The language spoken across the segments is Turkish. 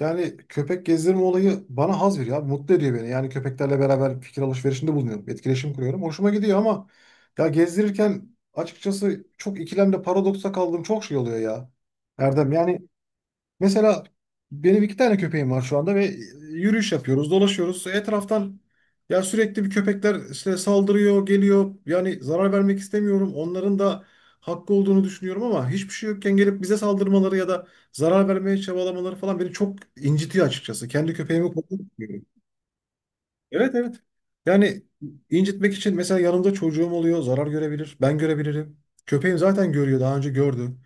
Yani köpek gezdirme olayı bana haz veriyor abi. Mutlu ediyor beni. Yani köpeklerle beraber fikir alışverişinde bulunuyorum. Etkileşim kuruyorum. Hoşuma gidiyor ama ya gezdirirken açıkçası çok ikilemde paradoksa kaldığım çok şey oluyor ya. Erdem yani. Mesela benim 2 tane köpeğim var şu anda ve yürüyüş yapıyoruz, dolaşıyoruz. Etraftan ya sürekli bir köpekler işte saldırıyor, geliyor. Yani zarar vermek istemiyorum. Onların da hakkı olduğunu düşünüyorum ama hiçbir şey yokken gelip bize saldırmaları ya da zarar vermeye çabalamaları falan beni çok incitiyor açıkçası. Kendi köpeğimi korkutuyorum. Evet evet. Yani incitmek için mesela yanımda çocuğum oluyor, zarar görebilir, ben görebilirim. Köpeğim zaten görüyor, daha önce gördü.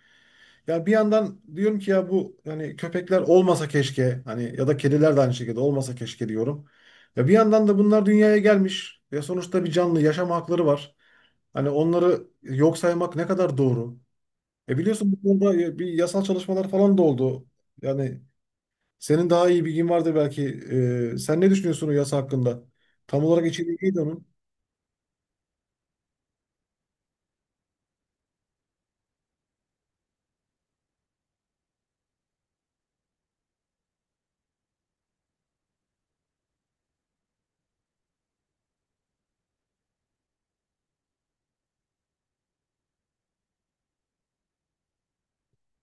Yani bir yandan diyorum ki ya bu hani köpekler olmasa keşke hani ya da kediler de aynı şekilde olmasa keşke diyorum. Ya bir yandan da bunlar dünyaya gelmiş ve sonuçta bir canlı yaşam hakları var. Hani onları yok saymak ne kadar doğru? E, biliyorsun bu konuda bir yasal çalışmalar falan da oldu. Yani senin daha iyi bilgin vardır belki. Sen ne düşünüyorsun o yasa hakkında? Tam olarak içeriği neydi onun?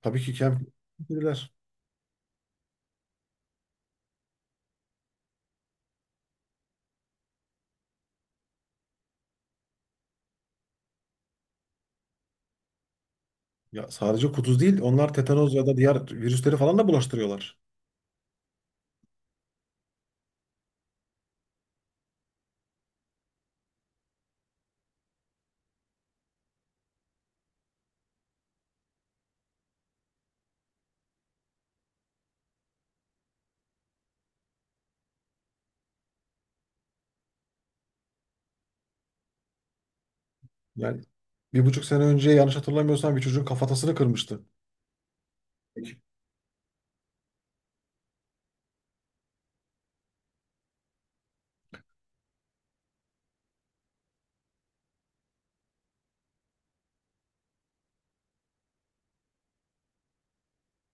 Tabii ki kamp. Ya sadece kuduz değil, onlar tetanoz ya da diğer virüsleri falan da bulaştırıyorlar. Yani 1,5 sene önce yanlış hatırlamıyorsam bir çocuğun kafatasını kırmıştı.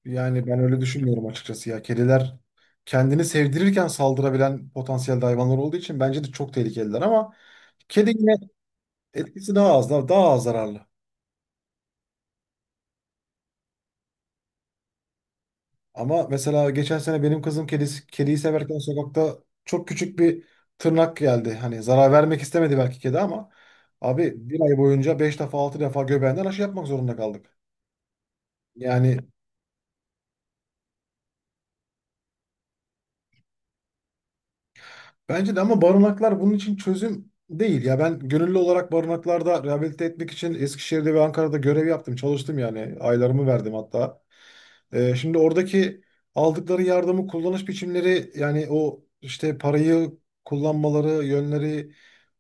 Yani ben öyle düşünmüyorum açıkçası ya. Kediler kendini sevdirirken saldırabilen potansiyel hayvanlar olduğu için bence de çok tehlikeliler ama kedi yine. Etkisi daha az, daha az zararlı. Ama mesela geçen sene benim kızım kedisi, kediyi severken sokakta çok küçük bir tırnak geldi. Hani zarar vermek istemedi belki kedi ama abi bir ay boyunca 5 defa 6 defa göbeğinden aşı yapmak zorunda kaldık. Yani. Bence de ama barınaklar bunun için çözüm değil. Ya ben gönüllü olarak barınaklarda rehabilite etmek için Eskişehir'de ve Ankara'da görev yaptım. Çalıştım yani. Aylarımı verdim hatta. Şimdi oradaki aldıkları yardımı kullanış biçimleri yani o işte parayı kullanmaları, yönleri,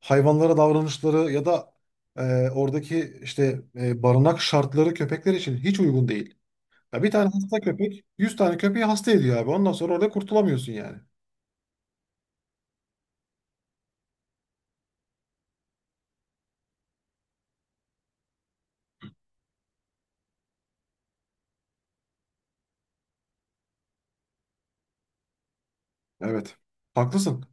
hayvanlara davranışları ya da oradaki işte barınak şartları köpekler için hiç uygun değil. Ya bir tane hasta köpek 100 tane köpeği hasta ediyor abi. Ondan sonra orada kurtulamıyorsun yani. Evet. Haklısın.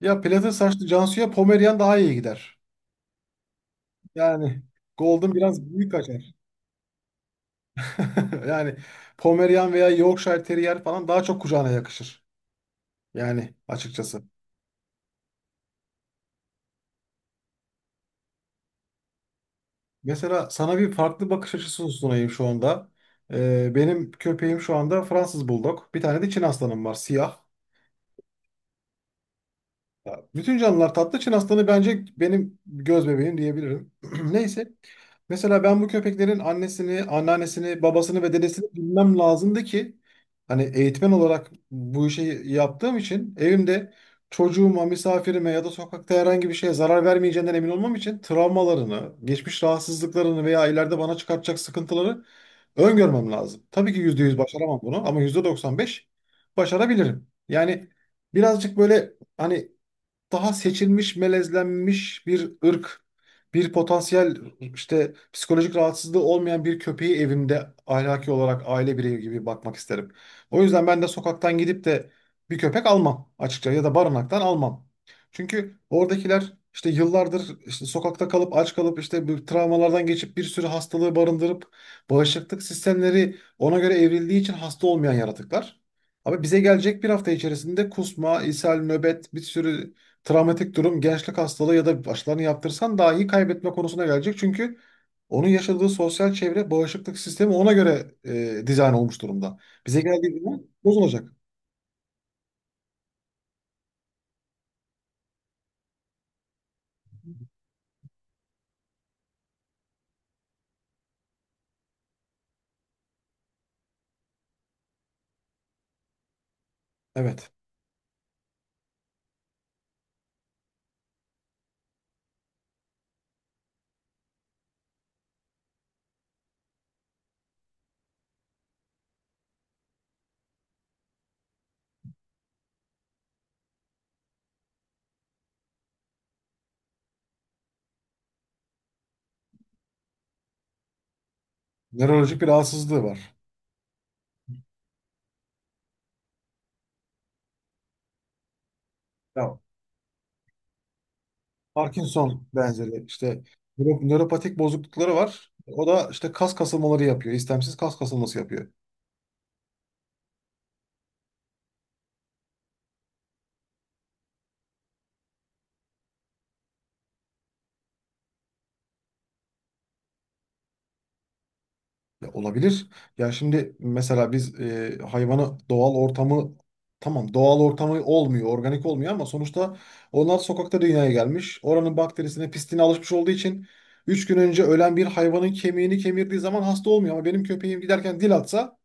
Ya platin saçlı Cansu'ya Pomerian daha iyi gider. Yani Golden biraz büyük kaçar. Yani Pomerian veya Yorkshire Terrier falan daha çok kucağına yakışır. Yani açıkçası. Mesela sana bir farklı bakış açısı sunayım şu anda. Benim köpeğim şu anda Fransız Bulldog. Bir tane de Çin aslanım var siyah. Ya, bütün canlılar tatlı. Çin aslanı bence benim göz bebeğim diyebilirim. Neyse. Mesela ben bu köpeklerin annesini, anneannesini, babasını ve dedesini bilmem lazımdı ki hani eğitmen olarak bu işi yaptığım için evimde çocuğuma, misafirime ya da sokakta herhangi bir şeye zarar vermeyeceğinden emin olmam için travmalarını, geçmiş rahatsızlıklarını veya ileride bana çıkartacak sıkıntıları öngörmem lazım. Tabii ki 100% başaramam bunu ama %95 başarabilirim. Yani birazcık böyle hani daha seçilmiş, melezlenmiş bir ırk, bir potansiyel işte psikolojik rahatsızlığı olmayan bir köpeği evimde ahlaki olarak aile bireyi gibi bakmak isterim. O yüzden ben de sokaktan gidip de bir köpek almam açıkça ya da barınaktan almam. Çünkü oradakiler işte yıllardır işte sokakta kalıp aç kalıp işte bu travmalardan geçip bir sürü hastalığı barındırıp bağışıklık sistemleri ona göre evrildiği için hasta olmayan yaratıklar. Ama bize gelecek bir hafta içerisinde kusma, ishal, nöbet, bir sürü travmatik durum gençlik hastalığı ya da aşılarını yaptırsan dahi kaybetme konusuna gelecek. Çünkü onun yaşadığı sosyal çevre, bağışıklık sistemi ona göre dizayn olmuş durumda. Bize geldiği zaman bozulacak. Evet. Nörolojik bir rahatsızlığı var. Ya, Parkinson benzeri işte nöropatik bozuklukları var. O da işte kas kasılmaları yapıyor. İstemsiz kas kasılması yapıyor. Ya olabilir. Ya şimdi mesela biz hayvanı doğal ortamı, tamam doğal ortamı olmuyor, organik olmuyor ama sonuçta onlar sokakta dünyaya gelmiş. Oranın bakterisine, pisliğine alışmış olduğu için 3 gün önce ölen bir hayvanın kemiğini kemirdiği zaman hasta olmuyor ama benim köpeğim giderken dil atsa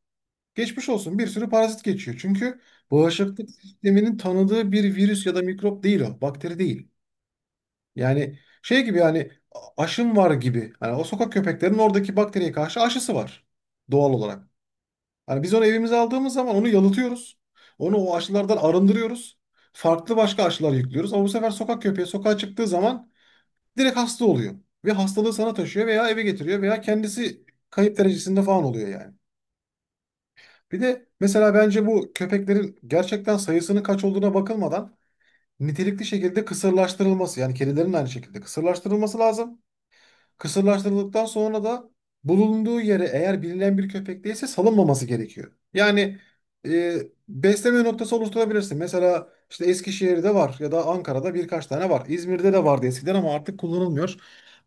geçmiş olsun, bir sürü parazit geçiyor. Çünkü bağışıklık sisteminin tanıdığı bir virüs ya da mikrop değil o, bakteri değil. Yani şey gibi yani aşım var gibi. Hani o sokak köpeklerinin oradaki bakteriye karşı aşısı var doğal olarak. Hani biz onu evimize aldığımız zaman onu yalıtıyoruz. Onu o aşılardan arındırıyoruz. Farklı başka aşılar yüklüyoruz. Ama bu sefer sokak köpeği sokağa çıktığı zaman direkt hasta oluyor. Ve hastalığı sana taşıyor veya eve getiriyor veya kendisi kayıp derecesinde falan oluyor yani. Bir de mesela bence bu köpeklerin gerçekten sayısının kaç olduğuna bakılmadan nitelikli şekilde kısırlaştırılması yani kedilerin de aynı şekilde kısırlaştırılması lazım. Kısırlaştırıldıktan sonra da bulunduğu yere eğer bilinen bir köpek değilse salınmaması gerekiyor. Yani e, besleme noktası oluşturabilirsin. Mesela işte Eskişehir'de var ya da Ankara'da birkaç tane var. İzmir'de de vardı eskiden ama artık kullanılmıyor.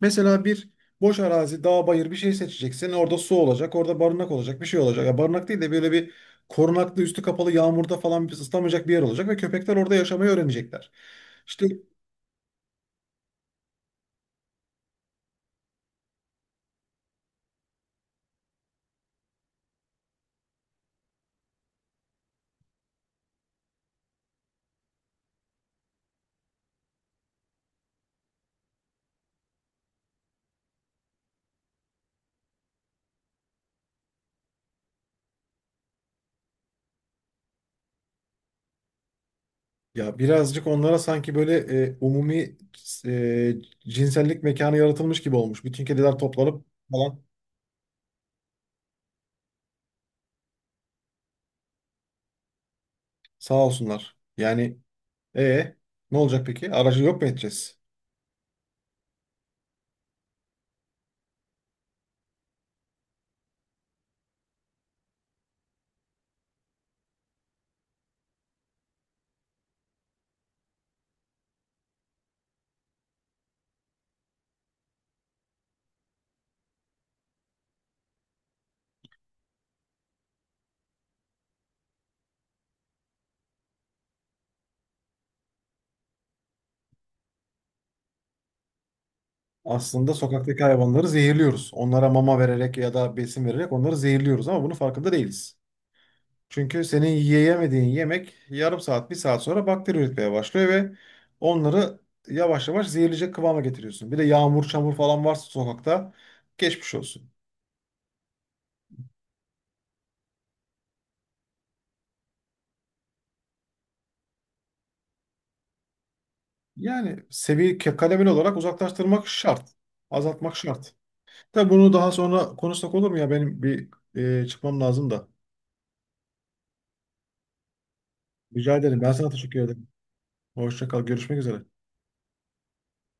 Mesela bir boş arazi, dağ, bayır bir şey seçeceksin. Orada su olacak, orada barınak olacak, bir şey olacak. Ya barınak değil de böyle bir korunaklı, üstü kapalı, yağmurda falan ıslamayacak bir yer olacak ve köpekler orada yaşamayı öğrenecekler. İşte. Ya birazcık onlara sanki böyle umumi e, cinsellik mekanı yaratılmış gibi olmuş. Bütün kediler toplanıp falan, sağ olsunlar. Yani e ne olacak peki? Aracı yok mu edeceğiz? Aslında sokaktaki hayvanları zehirliyoruz. Onlara mama vererek ya da besin vererek onları zehirliyoruz ama bunun farkında değiliz. Çünkü senin yiyemediğin yemek yarım saat, bir saat sonra bakteri üretmeye başlıyor ve onları yavaş yavaş zehirleyecek kıvama getiriyorsun. Bir de yağmur, çamur falan varsa sokakta geçmiş olsun. Yani seviye kademeli olarak uzaklaştırmak şart. Azaltmak şart. Tabii bunu daha sonra konuşsak olur mu ya? Benim bir çıkmam lazım da. Rica ederim. Ben sana teşekkür ederim. Hoşça kal. Görüşmek üzere.